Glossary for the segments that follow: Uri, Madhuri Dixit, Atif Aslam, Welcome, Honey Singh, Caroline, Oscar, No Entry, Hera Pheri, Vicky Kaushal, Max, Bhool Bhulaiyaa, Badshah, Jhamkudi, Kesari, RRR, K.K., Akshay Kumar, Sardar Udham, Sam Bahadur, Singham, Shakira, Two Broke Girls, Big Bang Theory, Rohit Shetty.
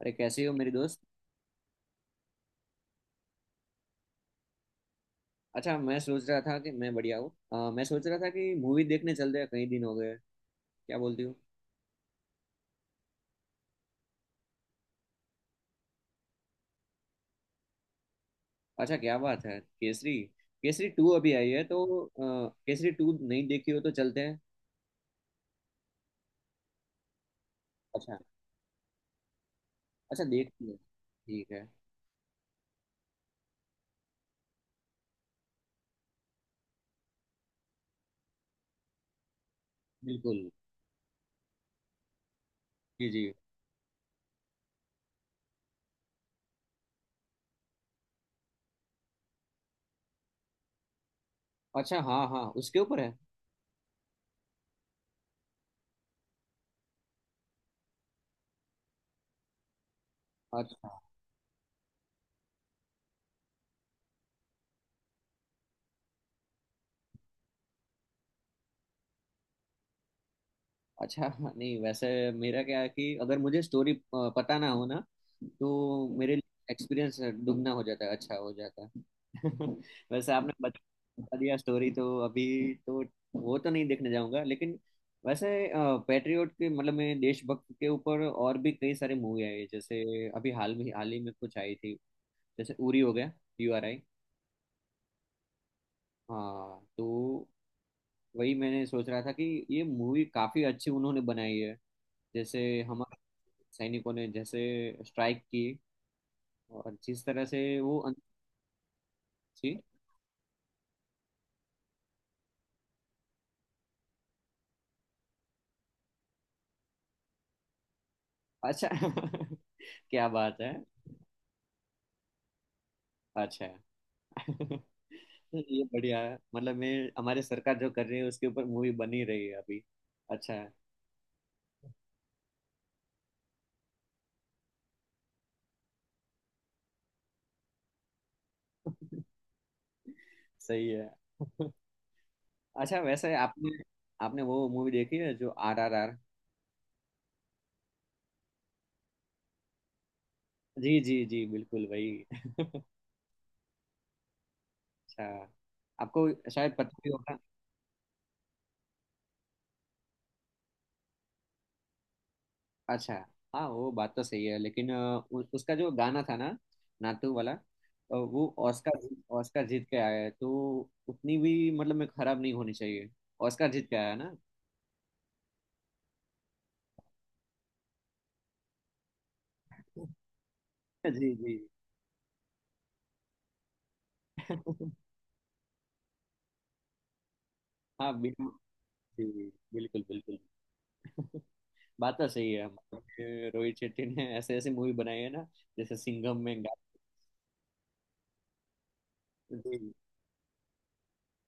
अरे कैसी हो मेरी दोस्त। अच्छा, मैं सोच रहा था कि मैं बढ़िया हूँ। मैं सोच रहा था कि मूवी देखने चलते हैं, कई दिन हो गए। क्या बोलती हो? अच्छा, क्या बात है, केसरी। केसरी टू अभी आई है, तो केसरी टू नहीं देखी हो तो चलते हैं। अच्छा, अच्छा, देखती है, ठीक है। बिल्कुल। जी, जी। अच्छा, हाँ हाँ, उसके ऊपर है। अच्छा। अच्छा, नहीं, वैसे मेरा क्या है कि अगर मुझे स्टोरी पता ना हो ना, तो मेरे लिए एक्सपीरियंस दुगना हो जाता है, अच्छा हो जाता है। वैसे आपने बता बता दिया स्टोरी, तो अभी तो वो तो नहीं देखने जाऊंगा, लेकिन वैसे पेट्रियोट के मतलब मैं देशभक्त के ऊपर और भी कई सारी मूवी आई है। जैसे अभी हाल में, हाल ही में कुछ आई थी, जैसे उरी हो गया, यू आर आई। हाँ, तो वही मैंने सोच रहा था कि ये मूवी काफी अच्छी उन्होंने बनाई है। जैसे हमारे सैनिकों ने जैसे स्ट्राइक की और जिस तरह से वो अंदर थी। अच्छा। क्या बात है। अच्छा। ये बढ़िया है, मतलब मैं हमारे सरकार जो कर रही है उसके ऊपर मूवी बनी रही है अभी, अच्छा है। सही है। अच्छा, वैसे आपने आपने वो मूवी देखी है, जो आर आर आर। जी जी जी, बिल्कुल वही। अच्छा, आपको शायद पता भी होगा। अच्छा, हाँ, वो बात तो सही है, लेकिन उसका जो गाना था ना, नातू वाला, वो ऑस्कर, ऑस्कर जीत के आया है, तो उतनी भी मतलब में खराब नहीं होनी चाहिए। ऑस्कर जीत के आया है ना। जी जी। हाँ, बिल्कुल। जी, बिल्कुल बिल्कुल, बात तो सही है, मतलब कि रोहित शेट्टी ने ऐसे ऐसे मूवी बनाई है ना। जैसे सिंघम में गा-। जी,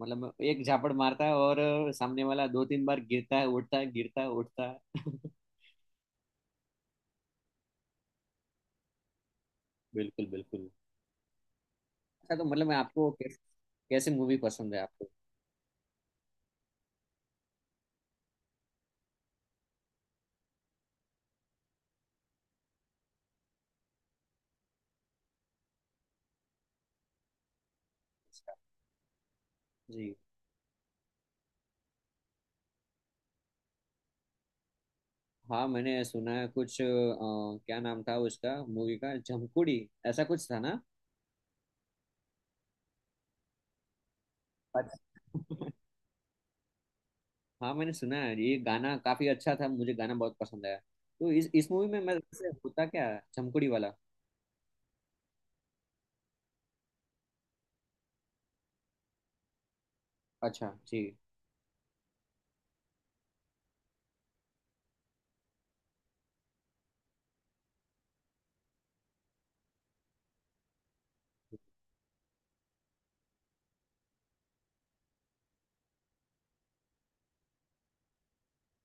मतलब एक झापड़ मारता है और सामने वाला दो तीन बार गिरता है, उठता है, गिरता है, उठता है। बिल्कुल बिल्कुल। अच्छा, तो मतलब कैसे मूवी पसंद है आपको? इसका। जी। हाँ, मैंने सुना है कुछ, क्या नाम था उसका मूवी का, झमकुड़ी, ऐसा कुछ था ना। अच्छा। हाँ, मैंने सुना है ये गाना काफी अच्छा था, मुझे गाना बहुत पसंद आया। तो इस मूवी में मैं वैसे होता क्या है झमकुड़ी वाला? अच्छा जी।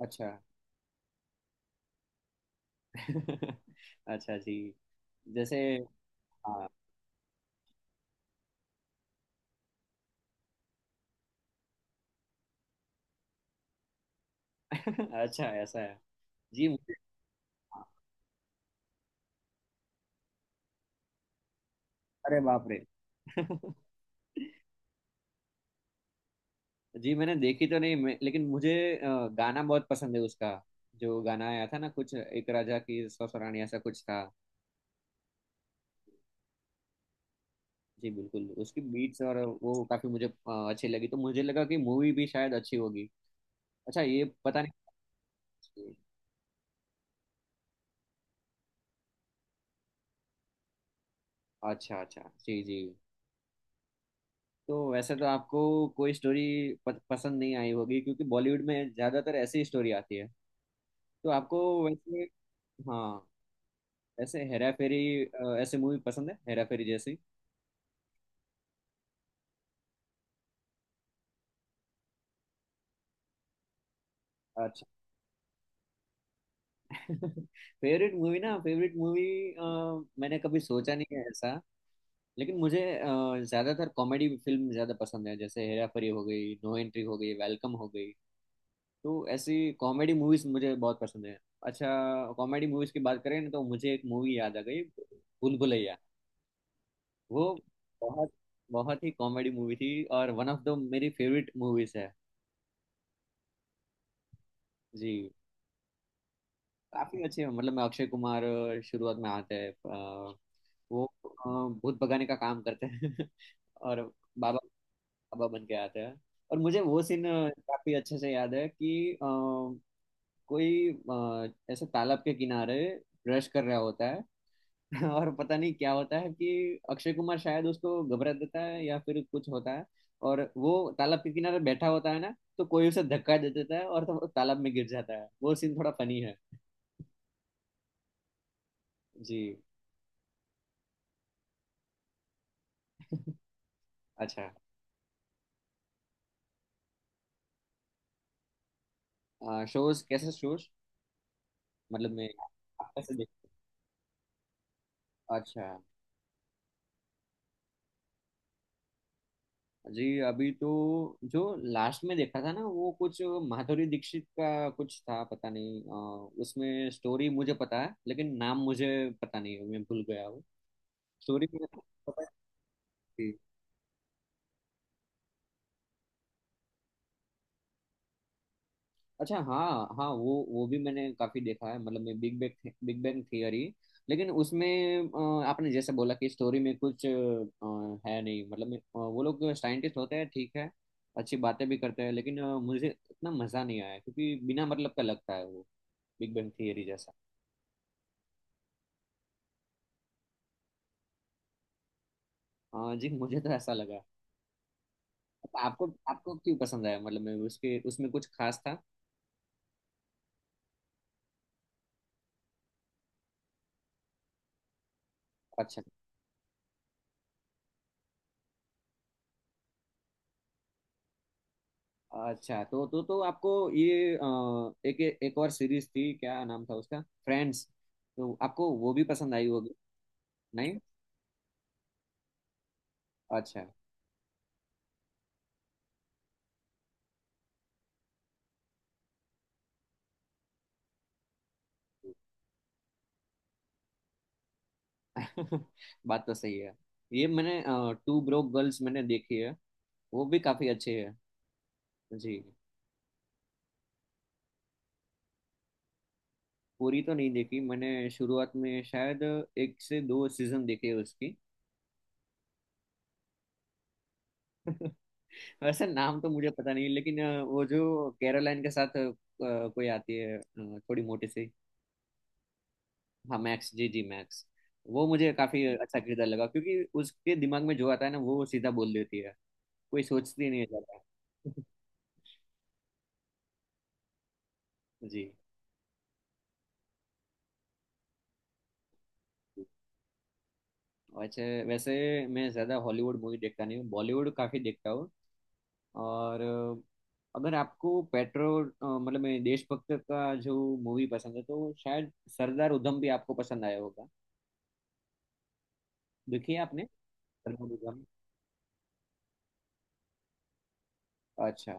अच्छा। अच्छा जी। जैसे। हाँ। अच्छा, ऐसा है। जी, मुझे। हाँ। अरे बाप रे। जी, मैंने देखी तो नहीं लेकिन मुझे गाना बहुत पसंद है उसका। जो गाना आया था ना, कुछ एक राजा की सौ रानी, ऐसा कुछ था। जी बिल्कुल, उसकी बीट्स और वो काफी मुझे अच्छी लगी, तो मुझे लगा कि मूवी भी शायद अच्छी होगी। अच्छा, ये पता नहीं। अच्छा अच्छा, जी जी। तो वैसे तो आपको कोई स्टोरी पसंद नहीं आई होगी, क्योंकि बॉलीवुड में ज्यादातर ऐसी स्टोरी आती है। तो आपको वैसे, हाँ, ऐसे हेरा फेरी, ऐसे मूवी पसंद है हेरा फेरी जैसी? अच्छा। फेवरेट मूवी मैंने कभी सोचा नहीं है ऐसा, लेकिन मुझे ज्यादातर कॉमेडी फिल्म ज्यादा पसंद है। जैसे हेरा फेरी हो गई, नो एंट्री हो गई, वेलकम हो गई। तो ऐसी कॉमेडी मूवीज मुझे बहुत पसंद है। अच्छा, कॉमेडी मूवीज की बात करें ना, तो मुझे एक मूवी याद आ गई, भूल भुलैया। वो बहुत, बहुत ही कॉमेडी मूवी थी, और वन ऑफ द मेरी फेवरेट मूवीज है। जी, काफी अच्छे हैं। मतलब मैं अक्षय कुमार शुरुआत में आते हैं, वो भूत भगाने का काम करते हैं। और बाबा बाबा बन के आते हैं। और मुझे वो सीन काफी अच्छे से याद है कि कोई ऐसे तालाब के किनारे ब्रश कर रहा होता है। और पता नहीं क्या होता है कि अक्षय कुमार शायद उसको घबरा देता है या फिर कुछ होता है, और वो तालाब के किनारे बैठा होता है ना, तो कोई उसे धक्का दे देता है और तो वो तालाब में गिर जाता है। वो सीन थोड़ा फनी है। जी। अच्छा, शोज? कैसे शोज? मतलब मैं, आप कैसे देख। अच्छा जी। अभी तो जो लास्ट में देखा था ना, वो कुछ माधुरी दीक्षित का कुछ था, पता नहीं। उसमें स्टोरी मुझे पता है, लेकिन नाम मुझे पता नहीं, मैं भूल गया वो। स्टोरी मुझे पता है। अच्छा हाँ, हाँ, वो भी मैंने काफी देखा है, मतलब मैं बिग बैंग थियरी। लेकिन उसमें आपने जैसे बोला कि स्टोरी में कुछ है नहीं, मतलब वो लोग साइंटिस्ट होते हैं ठीक है, अच्छी बातें भी करते हैं, लेकिन मुझे इतना मजा नहीं आया, क्योंकि बिना मतलब का लगता है वो बिग बैंग थियरी जैसा। हाँ जी। मुझे तो ऐसा लगा। अब आपको आपको क्यों पसंद आया? मतलब मैं उसके उसमें कुछ खास था? अच्छा। अच्छा, तो आपको ये, एक एक और सीरीज थी क्या नाम था उसका, फ्रेंड्स, तो आपको वो भी पसंद आई होगी? नहीं। अच्छा। बात तो सही है। ये मैंने टू ब्रोक गर्ल्स मैंने देखी है, वो भी काफी अच्छी है। जी। पूरी तो नहीं देखी मैंने, शुरुआत में शायद एक से दो सीजन देखे हैं उसकी। वैसे नाम तो मुझे पता नहीं, लेकिन वो जो कैरोलाइन के साथ कोई आती है, थोड़ी मोटी सी। हाँ, मैक्स, जी जी, मैक्स। वो मुझे काफी अच्छा किरदार लगा, क्योंकि उसके दिमाग में जो आता है ना, वो सीधा बोल देती है, कोई सोचती नहीं है ज्यादा। जी। अच्छा, वैसे मैं ज्यादा हॉलीवुड मूवी देखता नहीं हूँ, बॉलीवुड काफी देखता हूँ। और अगर आपको मतलब मैं देशभक्त का जो मूवी पसंद है, तो शायद सरदार उधम भी आपको पसंद आया होगा। देखिए आपने। सरदार उधम। अच्छा,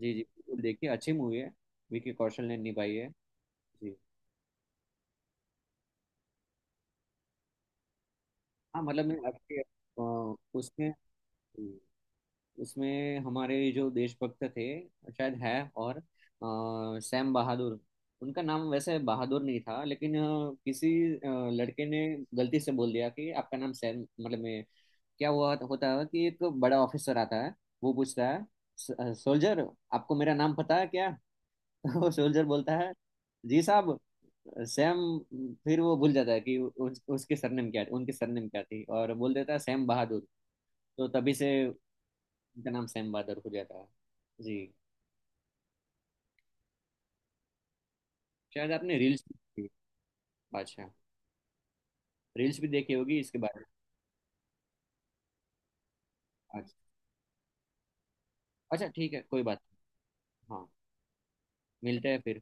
जी जी, बिल्कुल देखिए, अच्छी मूवी है, विकी कौशल ने निभाई है। जी। हाँ, मतलब मैं आपके उसमें, उसमें हमारे जो देशभक्त थे, शायद है। और सैम बहादुर, उनका नाम वैसे बहादुर नहीं था, लेकिन किसी अ, लड़के ने गलती से बोल दिया कि आपका नाम सैम। मतलब मैं, क्या हुआ होता है कि एक बड़ा ऑफिसर आता है, वो पूछता है, सोल्जर, आपको मेरा नाम पता है क्या? तो सोल्जर बोलता है, जी साहब, सैम। फिर वो भूल जाता है कि उसके सरनेम क्या, उनके सरनेम क्या थी, और बोल देता है सैम बहादुर। तो तभी से उनका नाम सैम बहादुर हो जाता है। जी। शायद आपने रील्स भी देखी। अच्छा, रील्स भी देखी होगी इसके बारे में। अच्छा। अच्छा ठीक है, कोई बात नहीं। हाँ, मिलते हैं फिर।